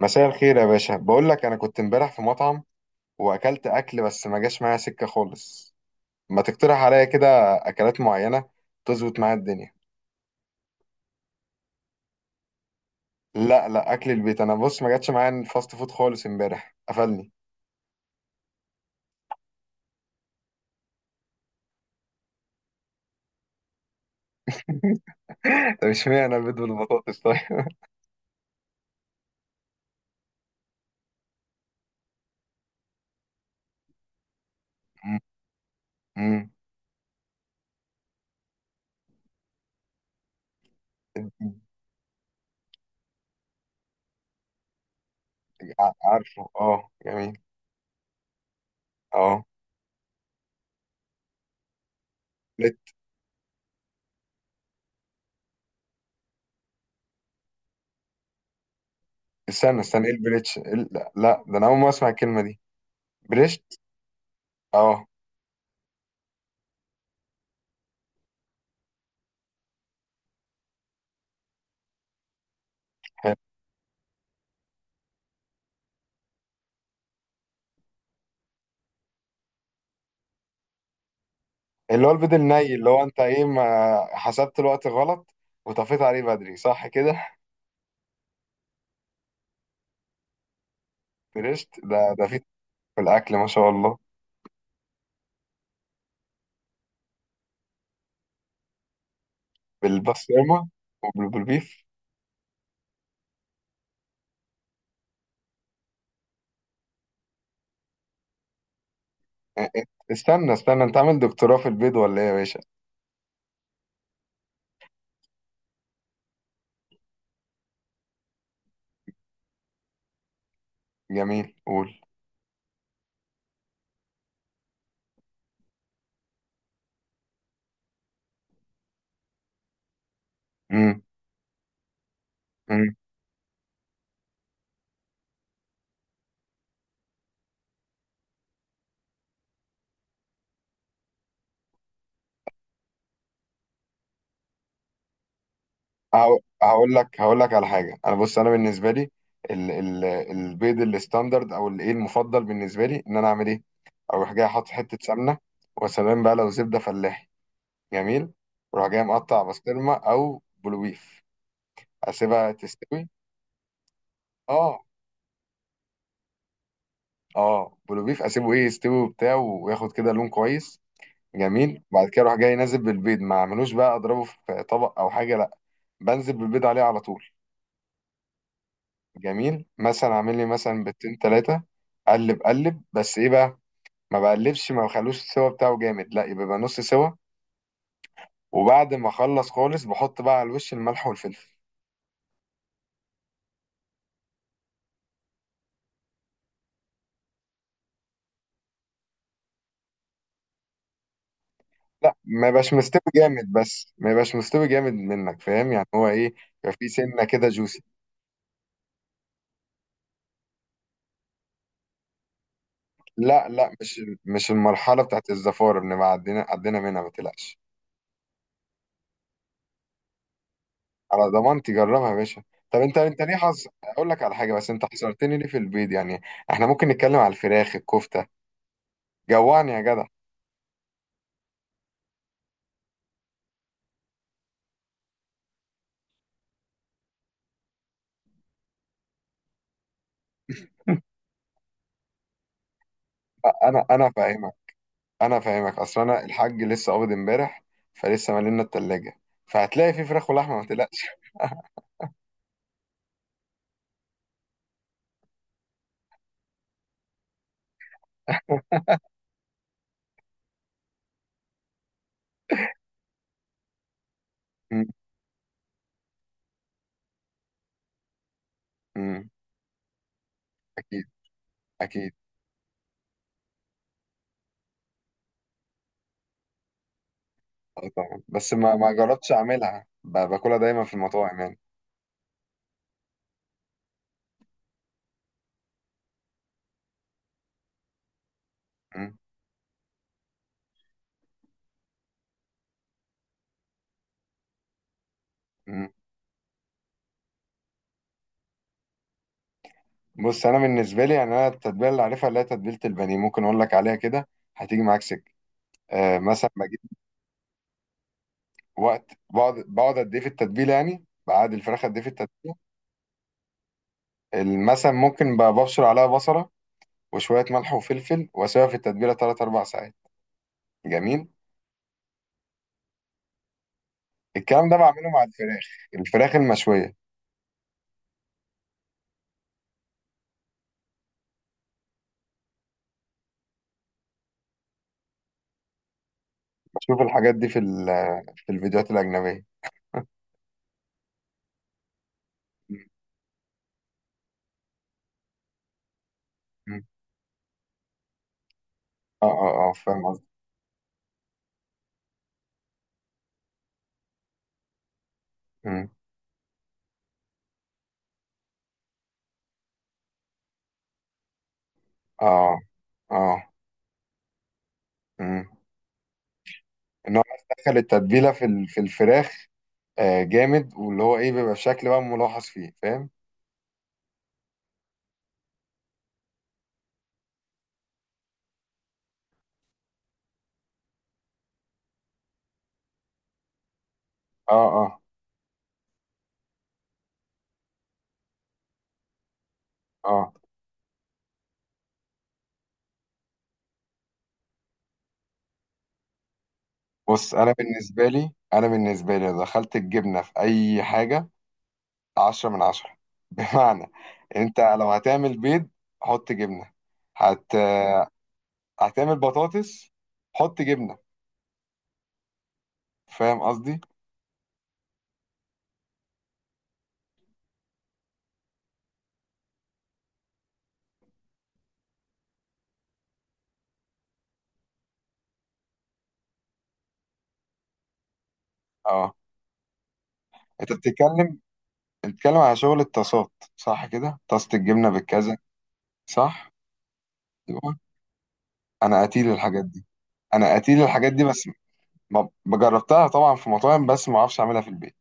مساء الخير يا باشا، بقول لك انا كنت امبارح في مطعم واكلت اكل، بس ما جاش معايا سكه خالص. ما تقترح عليا كده اكلات معينه تظبط معايا الدنيا. لا لا، اكل البيت. انا بص ما جاتش معايا الفاست فود خالص، امبارح قفلني. طب اشمعنى البيض بالبطاطس طيب؟ م- م. عارفه، اه جميل. اه، بلت- استنى استنى ايه البليتش؟ إيه لا لا، ده انا اول ما اسمع الكلمه دي. بليشت. اه. اللي هو البيض الني، اللي هو انت ايه، ما حسبت الوقت غلط وطفيت عليه بدري، صح كده؟ فرشت، ده في الاكل ما شاء الله. بالبسطرمه وبالبيف. اه، اه. استنى استنى، انت عامل دكتوراه في البيض ولا ايه يا باشا؟ جميل، قول. امم. امم. هقول لك على حاجه. انا بص، انا بالنسبه لي ال ال البيض الستاندرد او الايه المفضل بالنسبه لي، ان انا اعمل ايه؟ اروح جاي احط حته سمنه، وسلام بقى، لو زبده فلاحي جميل. وراح جاي مقطع بسطرمه او بلوبيف، اسيبها تستوي. اه، اه بلوبيف، اسيبه ايه يستوي وبتاع وياخد كده لون كويس، جميل. وبعد كده اروح جاي نازل بالبيض، ما اعملوش بقى اضربه في طبق او حاجه، لا، بنزل بالبيض عليه على طول. جميل، مثلا اعمل لي مثلا بيضتين ثلاثه، قلب قلب بس ايه بقى، ما بقلبش، ما بخلوش السوا بتاعه جامد، لا يبقى، بقى نص سوا. وبعد ما اخلص خالص بحط بقى على الوش الملح والفلفل. لا ما يبقاش مستوي جامد، بس ما يبقاش مستوي جامد، منك فاهم؟ يعني هو ايه، يبقى في سنه كده جوسي. لا لا، مش المرحله بتاعت الزفاره، بنبقى عدينا عدينا منها، ما تقلقش. على ضمانتي، جربها يا باشا. طب انت ليه حظ، اقول لك على حاجه، بس انت حصرتني ليه في البيض يعني؟ احنا ممكن نتكلم على الفراخ، الكفته، جوعني يا جدع. لا، انا فاهمك، اصل انا الحاج لسه قابض امبارح، فلسه مالنا التلاجه، فهتلاقي في فراخ ولحمه ما تقلقش. م- م- اكيد، اكيد. اه طبعا، بس ما جربتش اعملها، باكلها دايما في المطاعم يعني. مم. مم. بص انا بالنسبه لي يعني، انا التتبيله اللي عارفها اللي هي تتبيله البانيه، ممكن اقول لك عليها كده، هتيجي معاك سكه. آه مثلا بجيب، وقت بقعد قد ايه في التتبيله؟ يعني بعد الفراخ قد ايه في التتبيله؟ مثلا ممكن، ببشر عليها بصله وشويه ملح وفلفل، واسيبها في التتبيله 3 4 ساعات. جميل. الكلام ده بعمله مع الفراخ، الفراخ المشويه. بشوف الحاجات دي في الفيديوهات الاجنبيه. مم. مم. اه اه اه، فاهم قصدي. اه اه. امم. ان هو بس دخل التتبيله في الفراخ. آه جامد، واللي هو ايه، بيبقى الشكل بقى ملاحظ فيه، فاهم؟ اه اه اه. بص، انا بالنسبه لي، لو دخلت الجبنه في اي حاجه، عشرة من عشرة. بمعنى، انت لو هتعمل بيض حط جبنه، هت هتعمل بطاطس حط جبنه، فاهم قصدي؟ اه، انت بتتكلم، بتتكلم على شغل الطاسات، صح كده؟ طاسه الجبنه بالكذا، صح. أيوه. انا قتيل الحاجات دي، انا قتيل الحاجات دي بس ما جربتها، طبعا في مطاعم، بس ما اعرفش اعملها في البيت.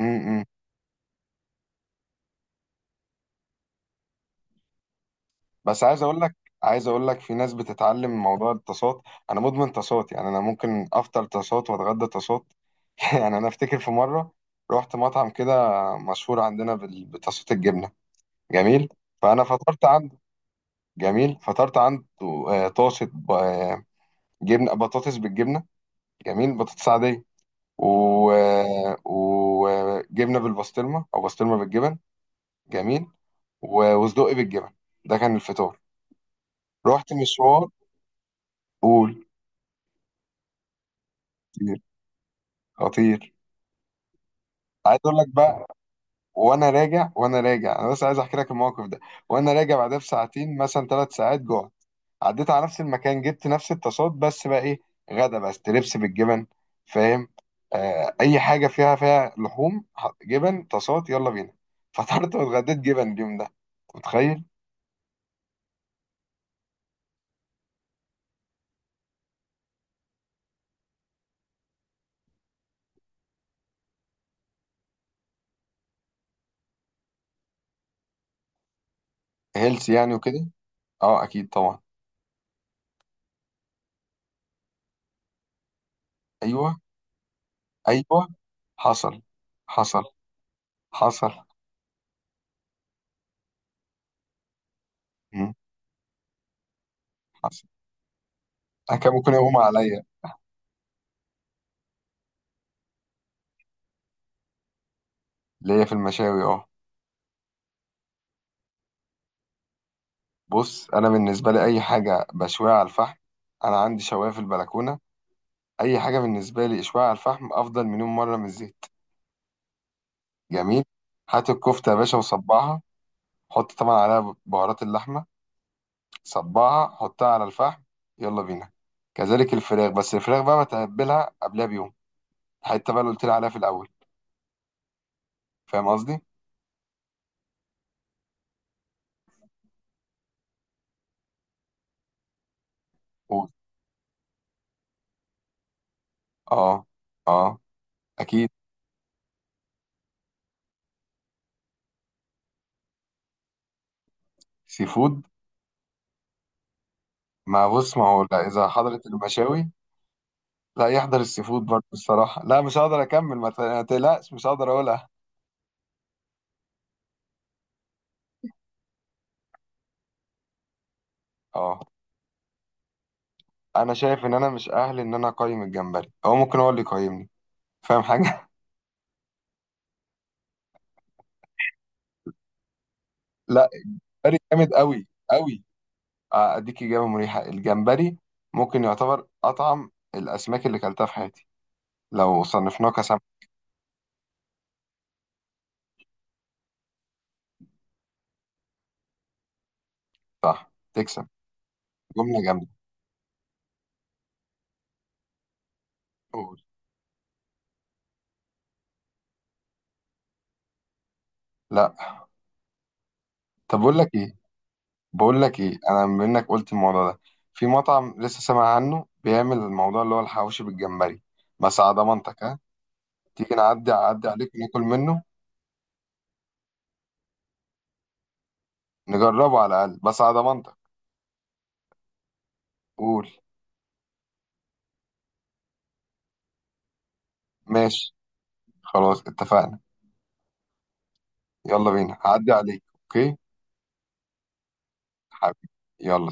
امم. بس عايز اقول لك في ناس بتتعلم موضوع الطاسات، انا مدمن طاسات، يعني انا ممكن افطر طاسات واتغدى طاسات. يعني انا افتكر في مره رحت مطعم كده، مشهور عندنا بطاسات الجبنه. جميل، فانا فطرت عنده. جميل، فطرت عنده. آه، طاسه جبنه، بطاطس بالجبنه، جميل، بطاطس عاديه، و... وجبنه بالبسطرمه، او بسطرمه بالجبن، جميل، وصدق بالجبن. ده كان الفطار. رحت مشوار، قول. خطير، خطير. عايز اقول لك بقى، وانا راجع انا بس عايز احكي لك الموقف ده. وانا راجع بعدها بساعتين مثلا، ثلاث ساعات، جوع، عديت على نفس المكان، جبت نفس الطاسات، بس بقى ايه، غدا بقى ستريبس بالجبن، فاهم؟ آه اي حاجه فيها لحوم، جبن، طاسات، يلا بينا. فطرت واتغديت جبن اليوم ده، متخيل؟ هيلث يعني وكده. اه اكيد طبعا. ايوه ايوه، حصل حصل حصل. مم. حصل. انا كان ممكن يقوم عليا. اللي هي في المشاوي، اه. بص انا بالنسبه لي، اي حاجه بشويها على الفحم، انا عندي شوايه في البلكونه، اي حاجه بالنسبه لي اشويها على الفحم افضل مليون مره من الزيت. جميل، هات الكفته يا باشا وصبعها، حط طبعا عليها بهارات اللحمه، صبعها حطها على الفحم، يلا بينا. كذلك الفراخ، بس الفراخ بقى بتبلها قبلها بيوم، الحته بقى اللي قلت لي عليها في الاول، فاهم قصدي؟ و... اه اه اكيد. سي فود. ما بص، ما هو لا، اذا حضرت المشاوي لا يحضر السي فود برضه الصراحه، لا مش هقدر اكمل، ما تقلقش، مش هقدر اقولها. اه. انا شايف ان انا مش اهل ان انا اقيم الجمبري، هو ممكن هو اللي يقيمني، فاهم حاجه؟ لا، الجمبري جامد، قوي قوي. آه، اديك اجابه مريحه، الجمبري ممكن يعتبر اطعم الاسماك اللي كلتها في حياتي، لو صنفناه كسمك. صح تكسب، جمله جامده، قول. لا، طب بقول لك ايه، انا بما انك قلت الموضوع ده، في مطعم لسه سامع عنه بيعمل الموضوع، اللي هو الحواوشي بالجمبري، بس على ضمانتك ها، تيجي نعدي، اعدي عليك وناكل منه. نجربه على الاقل، بس على ضمانتك، قول. ماشي، خلاص اتفقنا. يلا بينا، هعدي عليك، اوكي حبيبي، يلا.